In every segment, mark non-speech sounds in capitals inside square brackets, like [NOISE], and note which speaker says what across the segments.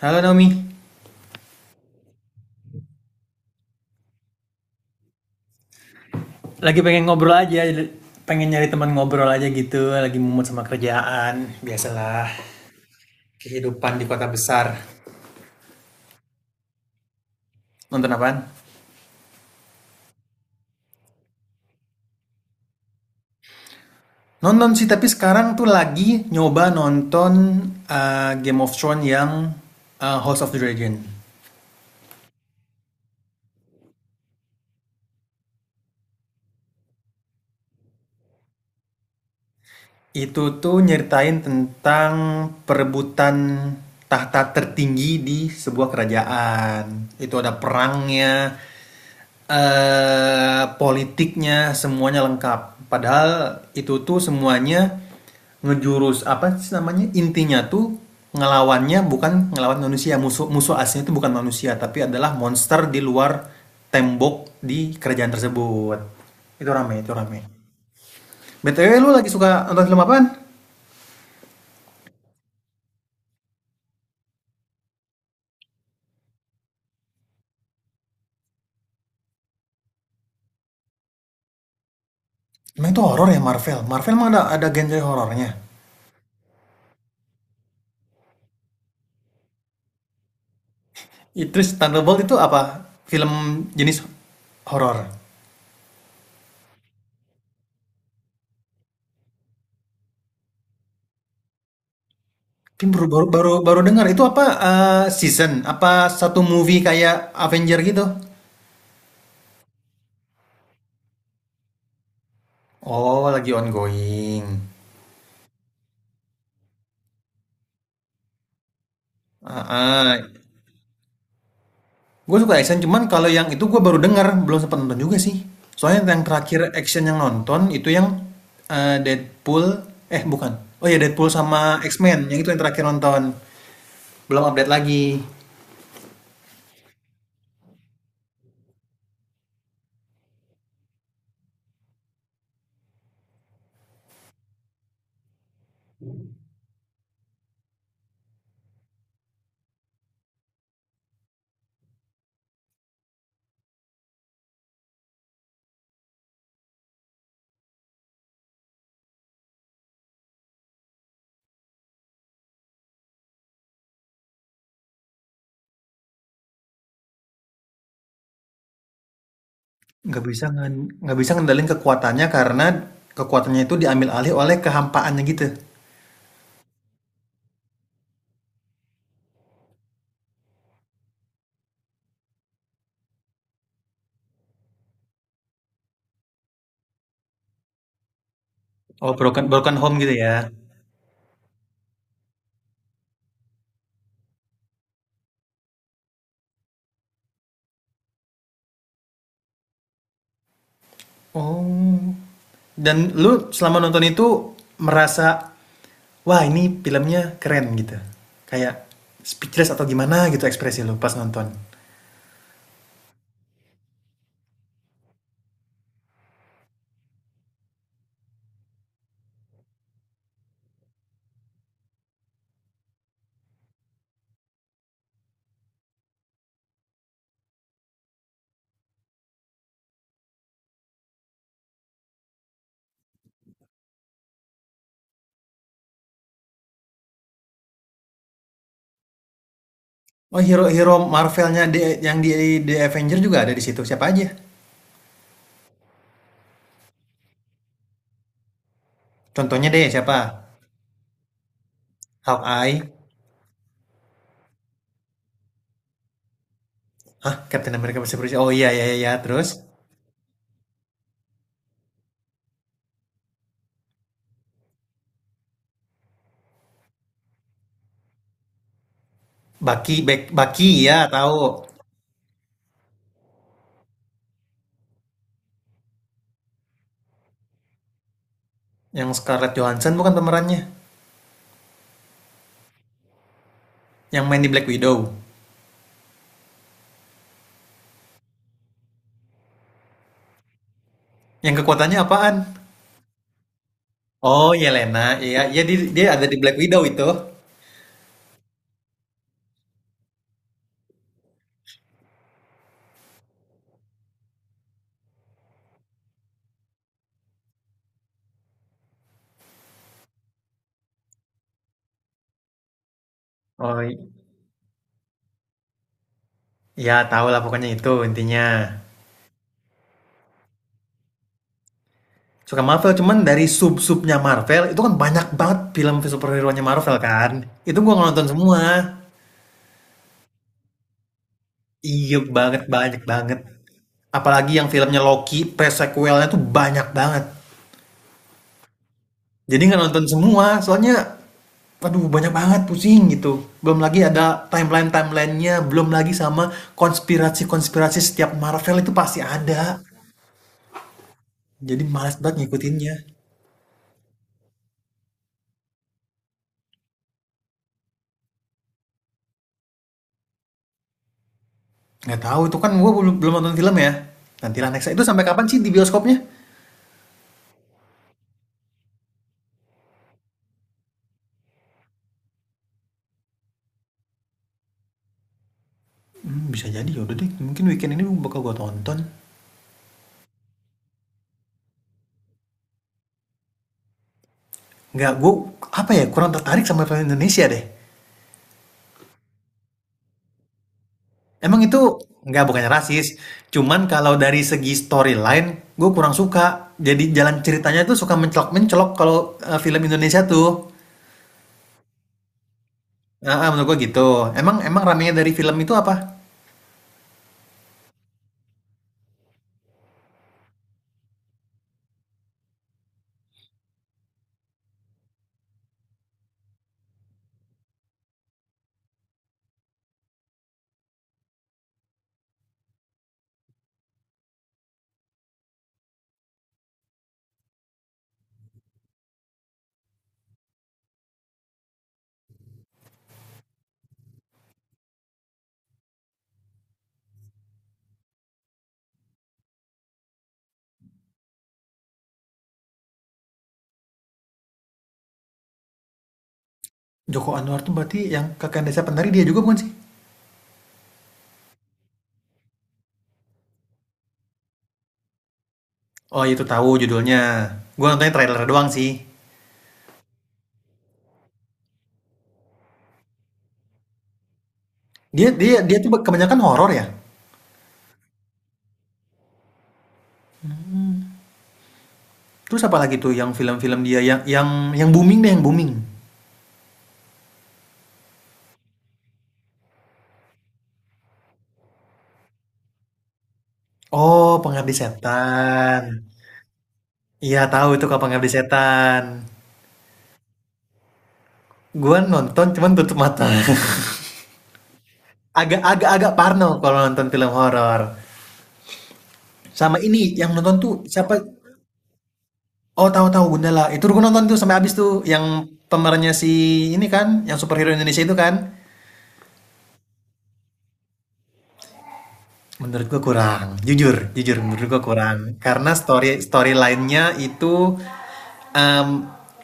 Speaker 1: Halo Naomi, lagi pengen ngobrol aja, pengen nyari teman ngobrol aja gitu, lagi mumet sama kerjaan, biasalah kehidupan di kota besar. Nonton apaan? Nonton sih, tapi sekarang tuh lagi nyoba nonton Game of Thrones yang House of the Dragon. Itu tuh nyeritain tentang perebutan tahta tertinggi di sebuah kerajaan. Itu ada perangnya, eh politiknya, semuanya lengkap. Padahal itu tuh semuanya ngejurus apa sih namanya? Intinya tuh ngelawannya bukan ngelawan manusia. Musuh musuh aslinya itu bukan manusia, tapi adalah monster di luar tembok di kerajaan tersebut. Itu rame, itu rame. BTW lu lagi suka nonton film apaan? Emang itu horor ya Marvel? Marvel emang ada genre horornya? Terus Thunderbolt itu apa? Film jenis horor? Tapi baru dengar itu apa eh, season? Apa satu movie kayak Avenger gitu? Oh, lagi ongoing. Ah, gue suka action, cuman kalau yang itu gue baru dengar, belum sempat nonton juga sih. Soalnya yang terakhir action yang nonton itu yang Deadpool, eh bukan. Oh ya Deadpool sama X-Men, yang itu yang terakhir nonton. Belum update lagi. Nggak bisa ngan nggak bisa ngendalin kekuatannya karena kekuatannya itu diambil alih oleh kehampaannya gitu? Oh, broken broken home gitu ya? Oh, dan lu selama nonton itu merasa, "Wah, ini filmnya keren," gitu? Kayak speechless atau gimana gitu ekspresi lu pas nonton? Oh, hero-hero marvelnya di yang di The Avenger juga ada di situ, siapa aja? Contohnya deh siapa? Hawkeye? Hah, Captain America bisa berusia oh, iya iya iya, terus? Bucky, Bucky, ya tahu. Yang Scarlett Johansson bukan pemerannya? Yang main di Black Widow? Yang kekuatannya apaan? Oh, Yelena. Iya, iya dia ada di Black Widow itu. Oh, iya tahu lah pokoknya itu intinya. Suka Marvel, cuman dari sub-subnya Marvel, itu kan banyak banget film superhero-nya Marvel kan. Itu gua nonton semua. Iya banget, banyak banget. Apalagi yang filmnya Loki, pre-sequelnya tuh banyak banget. Jadi nggak nonton semua, soalnya aduh banyak banget pusing gitu. Belum lagi ada timeline-timelinenya, belum lagi sama konspirasi-konspirasi setiap Marvel itu pasti ada. Jadi malas banget ngikutinnya. Nggak tahu itu kan gue belum belum nonton film ya. Nanti next itu sampai kapan sih di bioskopnya? Hmm, bisa jadi ya udah deh. Mungkin weekend ini bakal gue tonton. Nggak gue apa ya kurang tertarik sama film Indonesia deh. Emang itu nggak bukannya rasis, cuman kalau dari segi storyline gue kurang suka. Jadi jalan ceritanya tuh suka mencelok-mencelok kalau film Indonesia tuh. Nah, menurut gue gitu. Emang emang ramenya dari film itu apa? Joko Anwar tuh berarti yang kakak desa penari dia juga bukan sih? Oh itu tahu judulnya. Gue nontonnya trailer doang sih. Dia dia dia tuh kebanyakan horor ya. Hmm. Terus apa lagi tuh yang film-film dia yang booming deh yang booming. Oh, Pengabdi Setan. Iya, tahu itu kalau Pengabdi Setan. Gua nonton cuman tutup mata. [LAUGHS] Agak-agak-agak parno kalau nonton film horor. Sama ini yang nonton tuh siapa? Oh, tahu-tahu Gundala. Itu gua nonton tuh sampai habis tuh yang pemerannya si ini kan, yang superhero Indonesia itu kan. Menurut gua kurang, jujur, jujur menurut gua kurang. Karena story story lainnya itu em,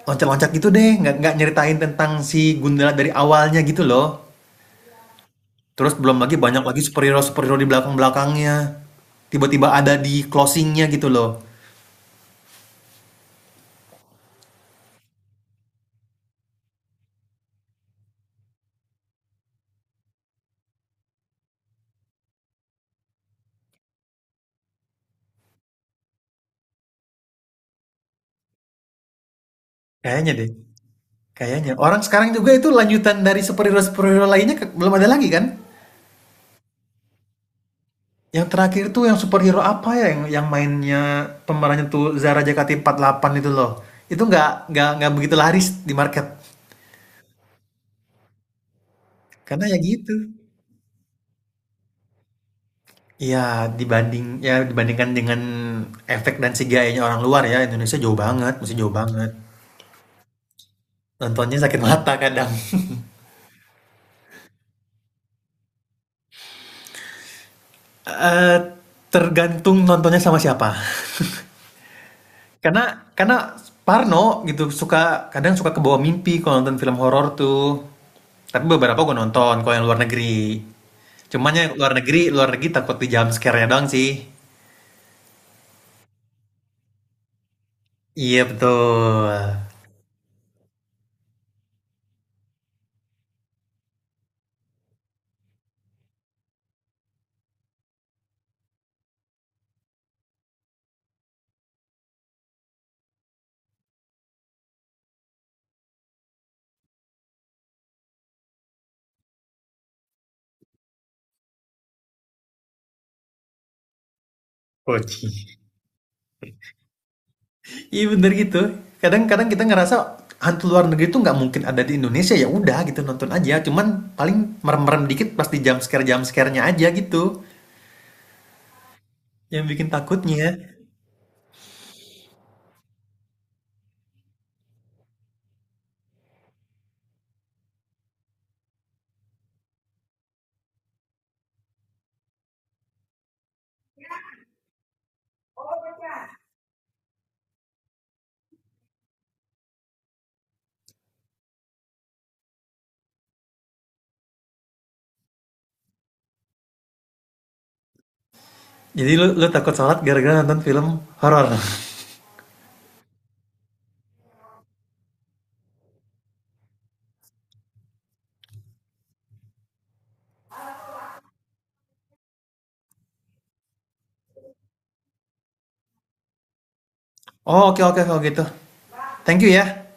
Speaker 1: loncat-loncat gitu deh, nggak nyeritain tentang si Gundala dari awalnya gitu loh. Terus belum lagi banyak lagi superhero superhero di belakangnya. Tiba-tiba ada di closingnya gitu loh. Kayaknya deh, kayaknya. Orang sekarang juga itu lanjutan dari superhero-superhero lainnya belum ada lagi kan? Yang terakhir tuh yang superhero apa ya yang mainnya pemerannya tuh Zara Jakati 48 itu loh. Itu nggak begitu laris di market. Karena ya gitu. Iya, dibandingkan dengan efek dan CGI-nya orang luar ya, Indonesia jauh banget, masih jauh banget. Nontonnya sakit mata kadang. [LAUGHS] Eh, tergantung nontonnya sama siapa. Karena karena parno gitu suka kadang suka kebawa mimpi kalau nonton film horor tuh. Tapi beberapa gue nonton kalau yang luar negeri. Cuman yang luar negeri takut di jump scare-nya doang sih. Iya betul. Oci. Iya bener gitu. Kadang-kadang kita ngerasa hantu luar negeri itu nggak mungkin ada di Indonesia ya udah gitu nonton aja. Cuman paling merem-merem dikit pasti jump scare-nya aja gitu yang bikin takutnya. Jadi lu takut salat gara-gara nonton film horor. [LAUGHS] Oh, oke oke kalau gitu. Thank you ya.